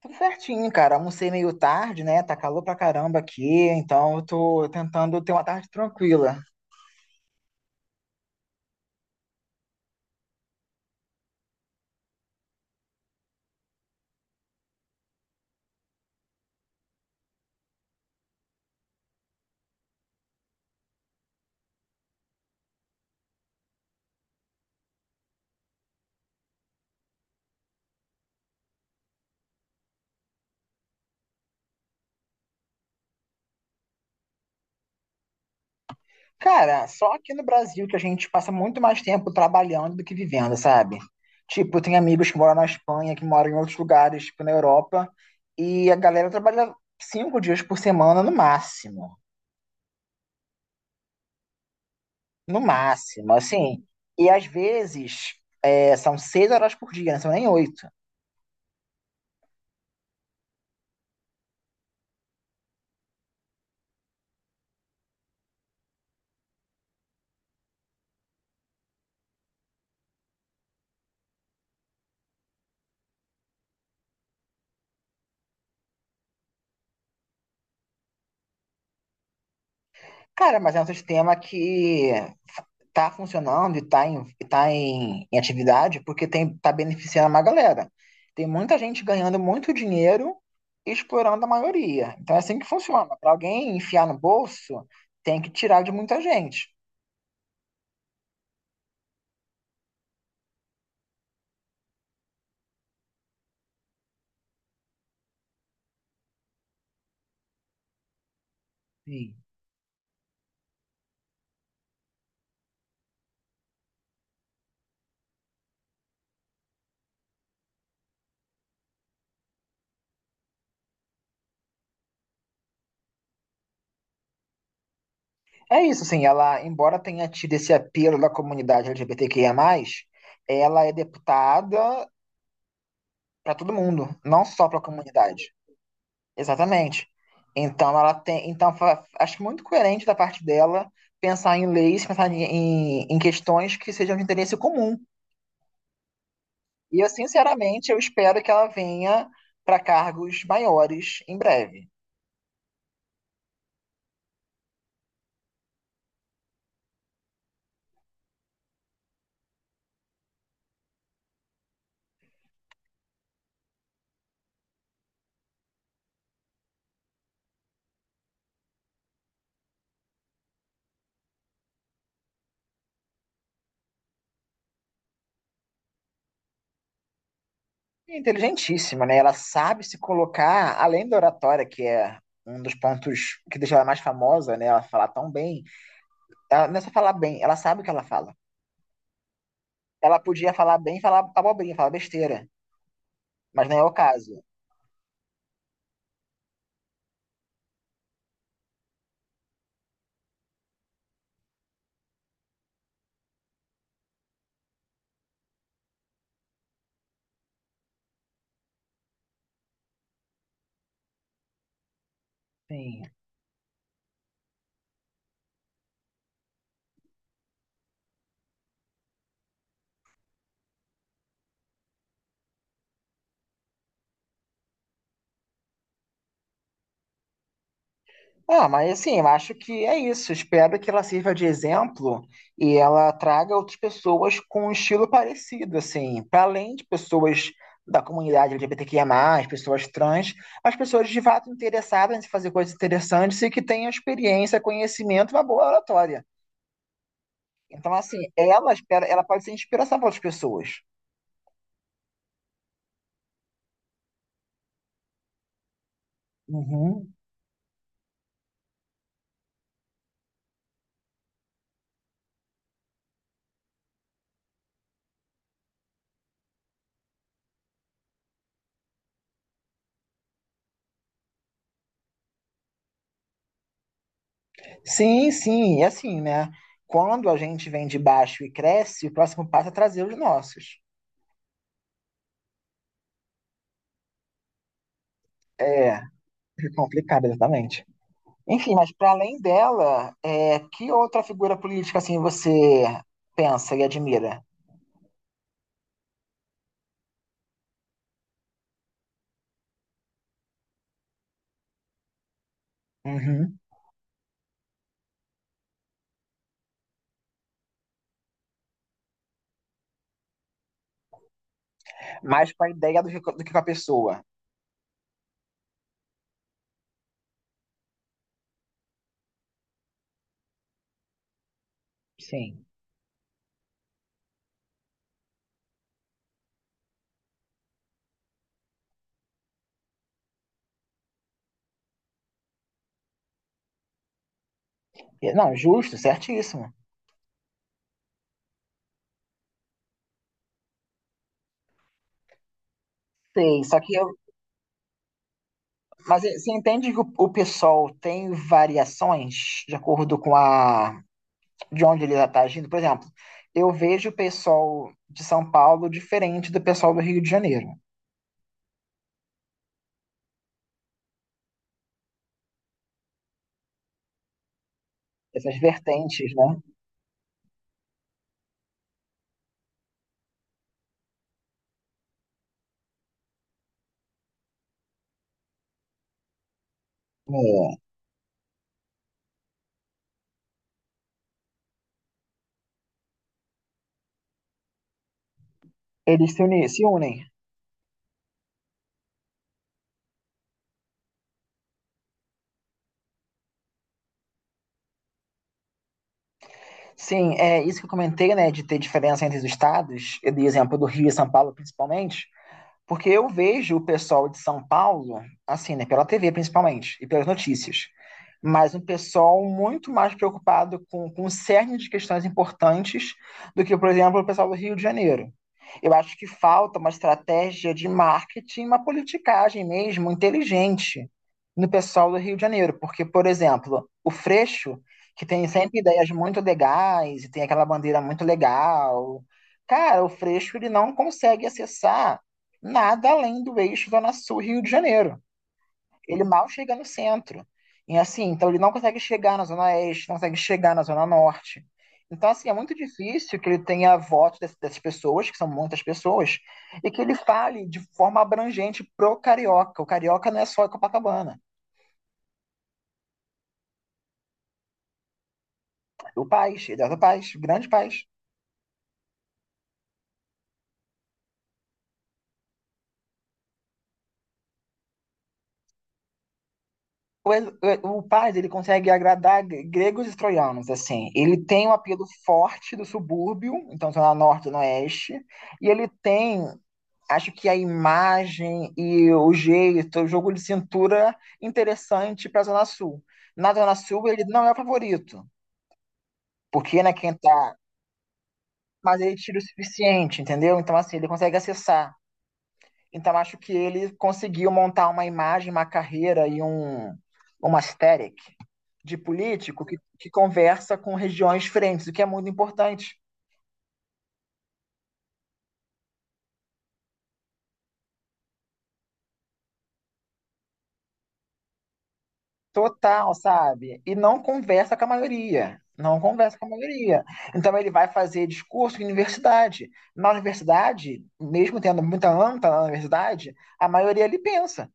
Tudo certinho, cara. Almocei meio tarde, né? Tá calor pra caramba aqui, então eu tô tentando ter uma tarde tranquila. Cara, só aqui no Brasil que a gente passa muito mais tempo trabalhando do que vivendo, sabe? Tipo, tem amigos que moram na Espanha, que moram em outros lugares, tipo na Europa, e a galera trabalha 5 dias por semana no máximo. No máximo, assim. E às vezes são 6 horas por dia, não são nem oito. Cara, mas é um sistema que tá funcionando e em atividade porque tem, tá beneficiando uma galera. Tem muita gente ganhando muito dinheiro e explorando a maioria. Então é assim que funciona. Para alguém enfiar no bolso, tem que tirar de muita gente. Sim. É isso, assim, ela, embora tenha tido esse apelo da comunidade LGBTQIA+, ela é deputada para todo mundo, não só para a comunidade. Exatamente. Então ela tem, então acho muito coerente da parte dela pensar em leis, pensar em questões que sejam de interesse comum. E eu sinceramente eu espero que ela venha para cargos maiores em breve. É inteligentíssima, né? Ela sabe se colocar além da oratória, que é um dos pontos que deixa ela mais famosa, né? Ela fala tão bem. Ela não é só falar bem, ela sabe o que ela fala. Ela podia falar bem, falar abobrinha, falar besteira, mas não é o caso. Sim. Ah, mas assim, eu acho que é isso. Espero que ela sirva de exemplo e ela traga outras pessoas com um estilo parecido, assim, para além de pessoas da comunidade LGBTQIA+, pessoas trans, as pessoas de fato interessadas em fazer coisas interessantes e que tenham experiência, conhecimento e uma boa oratória. Então, assim, ela espera, ela pode ser inspiração para outras pessoas. Uhum. Sim, sim, e assim, né? Quando a gente vem de baixo e cresce, o próximo passo é trazer os nossos. É. É complicado, exatamente. Enfim, mas para além dela, que outra figura política assim você pensa e admira? Uhum. Mais com a ideia do que com a pessoa. Sim. É, não, justo, certíssimo. Sei, só que eu, mas você entende que o pessoal tem variações de acordo com a de onde ele está agindo? Por exemplo, eu vejo o pessoal de São Paulo diferente do pessoal do Rio de Janeiro. Essas vertentes, né? É. Eles se unem. Sim, é isso que eu comentei, né, de ter diferença entre os estados, de exemplo do Rio e São Paulo, principalmente. Porque eu vejo o pessoal de São Paulo, assim, né, pela TV principalmente, e pelas notícias, mas um pessoal muito mais preocupado com o cerne de questões importantes do que, por exemplo, o pessoal do Rio de Janeiro. Eu acho que falta uma estratégia de marketing, uma politicagem mesmo inteligente no pessoal do Rio de Janeiro, porque, por exemplo, o Freixo, que tem sempre ideias muito legais e tem aquela bandeira muito legal, cara, o Freixo ele não consegue acessar nada além do eixo Zona Sul Rio de Janeiro. Ele mal chega no centro. E assim, então ele não consegue chegar na Zona Oeste, não consegue chegar na Zona Norte. Então, assim, é muito difícil que ele tenha voto dessas, pessoas, que são muitas pessoas, e que ele fale de forma abrangente pro carioca. O carioca não é só Copacabana. O Paz, ele é do Paz, grande Paz. O, o Paz, ele consegue agradar gregos e troianos, assim. Ele tem um apelo forte do subúrbio, então Zona Norte, Zona Oeste, e ele tem. Acho que a imagem e o jeito, o jogo de cintura interessante para a Zona Sul. Na Zona Sul, ele não é o favorito, porque né, quem tá. Mas ele tira o suficiente, entendeu? Então, assim, ele consegue acessar. Então, acho que ele conseguiu montar uma imagem, uma carreira e uma aesthetic de político que conversa com regiões diferentes, o que é muito importante. Total, sabe? E não conversa com a maioria. Não conversa com a maioria. Então ele vai fazer discurso em universidade. Na universidade, mesmo tendo muita anta na universidade, a maioria ele pensa.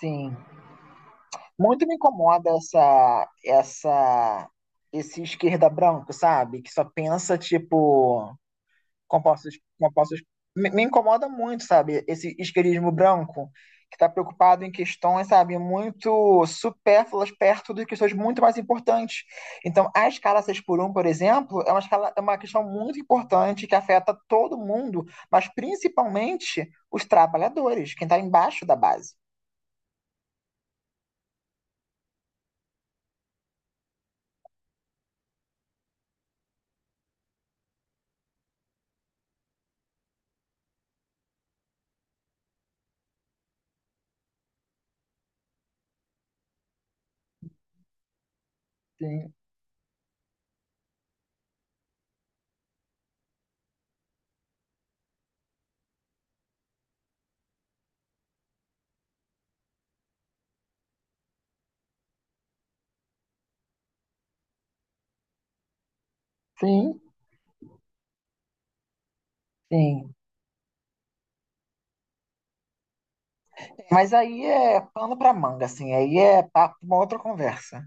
Sim. Muito me incomoda esse esquerda branco, sabe? Que só pensa, tipo, compostos, me incomoda muito, sabe? Esse isqueirismo branco que está preocupado em questões, sabe, muito supérfluas perto de questões muito mais importantes. Então, a escala 6x1, por exemplo, é uma questão muito importante que afeta todo mundo, mas principalmente os trabalhadores, quem está embaixo da base. Sim, sim, sim. Mas aí é pano para manga, assim, aí é papo, uma outra conversa.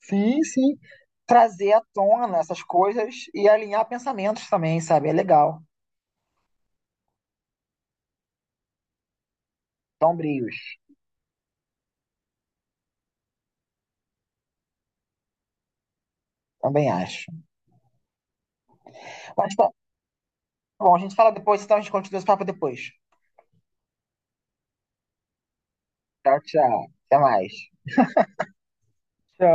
Sim, sim. Trazer à tona essas coisas e alinhar pensamentos também, sabe? É legal. Sombrios, também acho. Mas tá bom, a gente fala depois, então a gente continua esse papo depois. Tchau, tchau. Até mais. Tchau.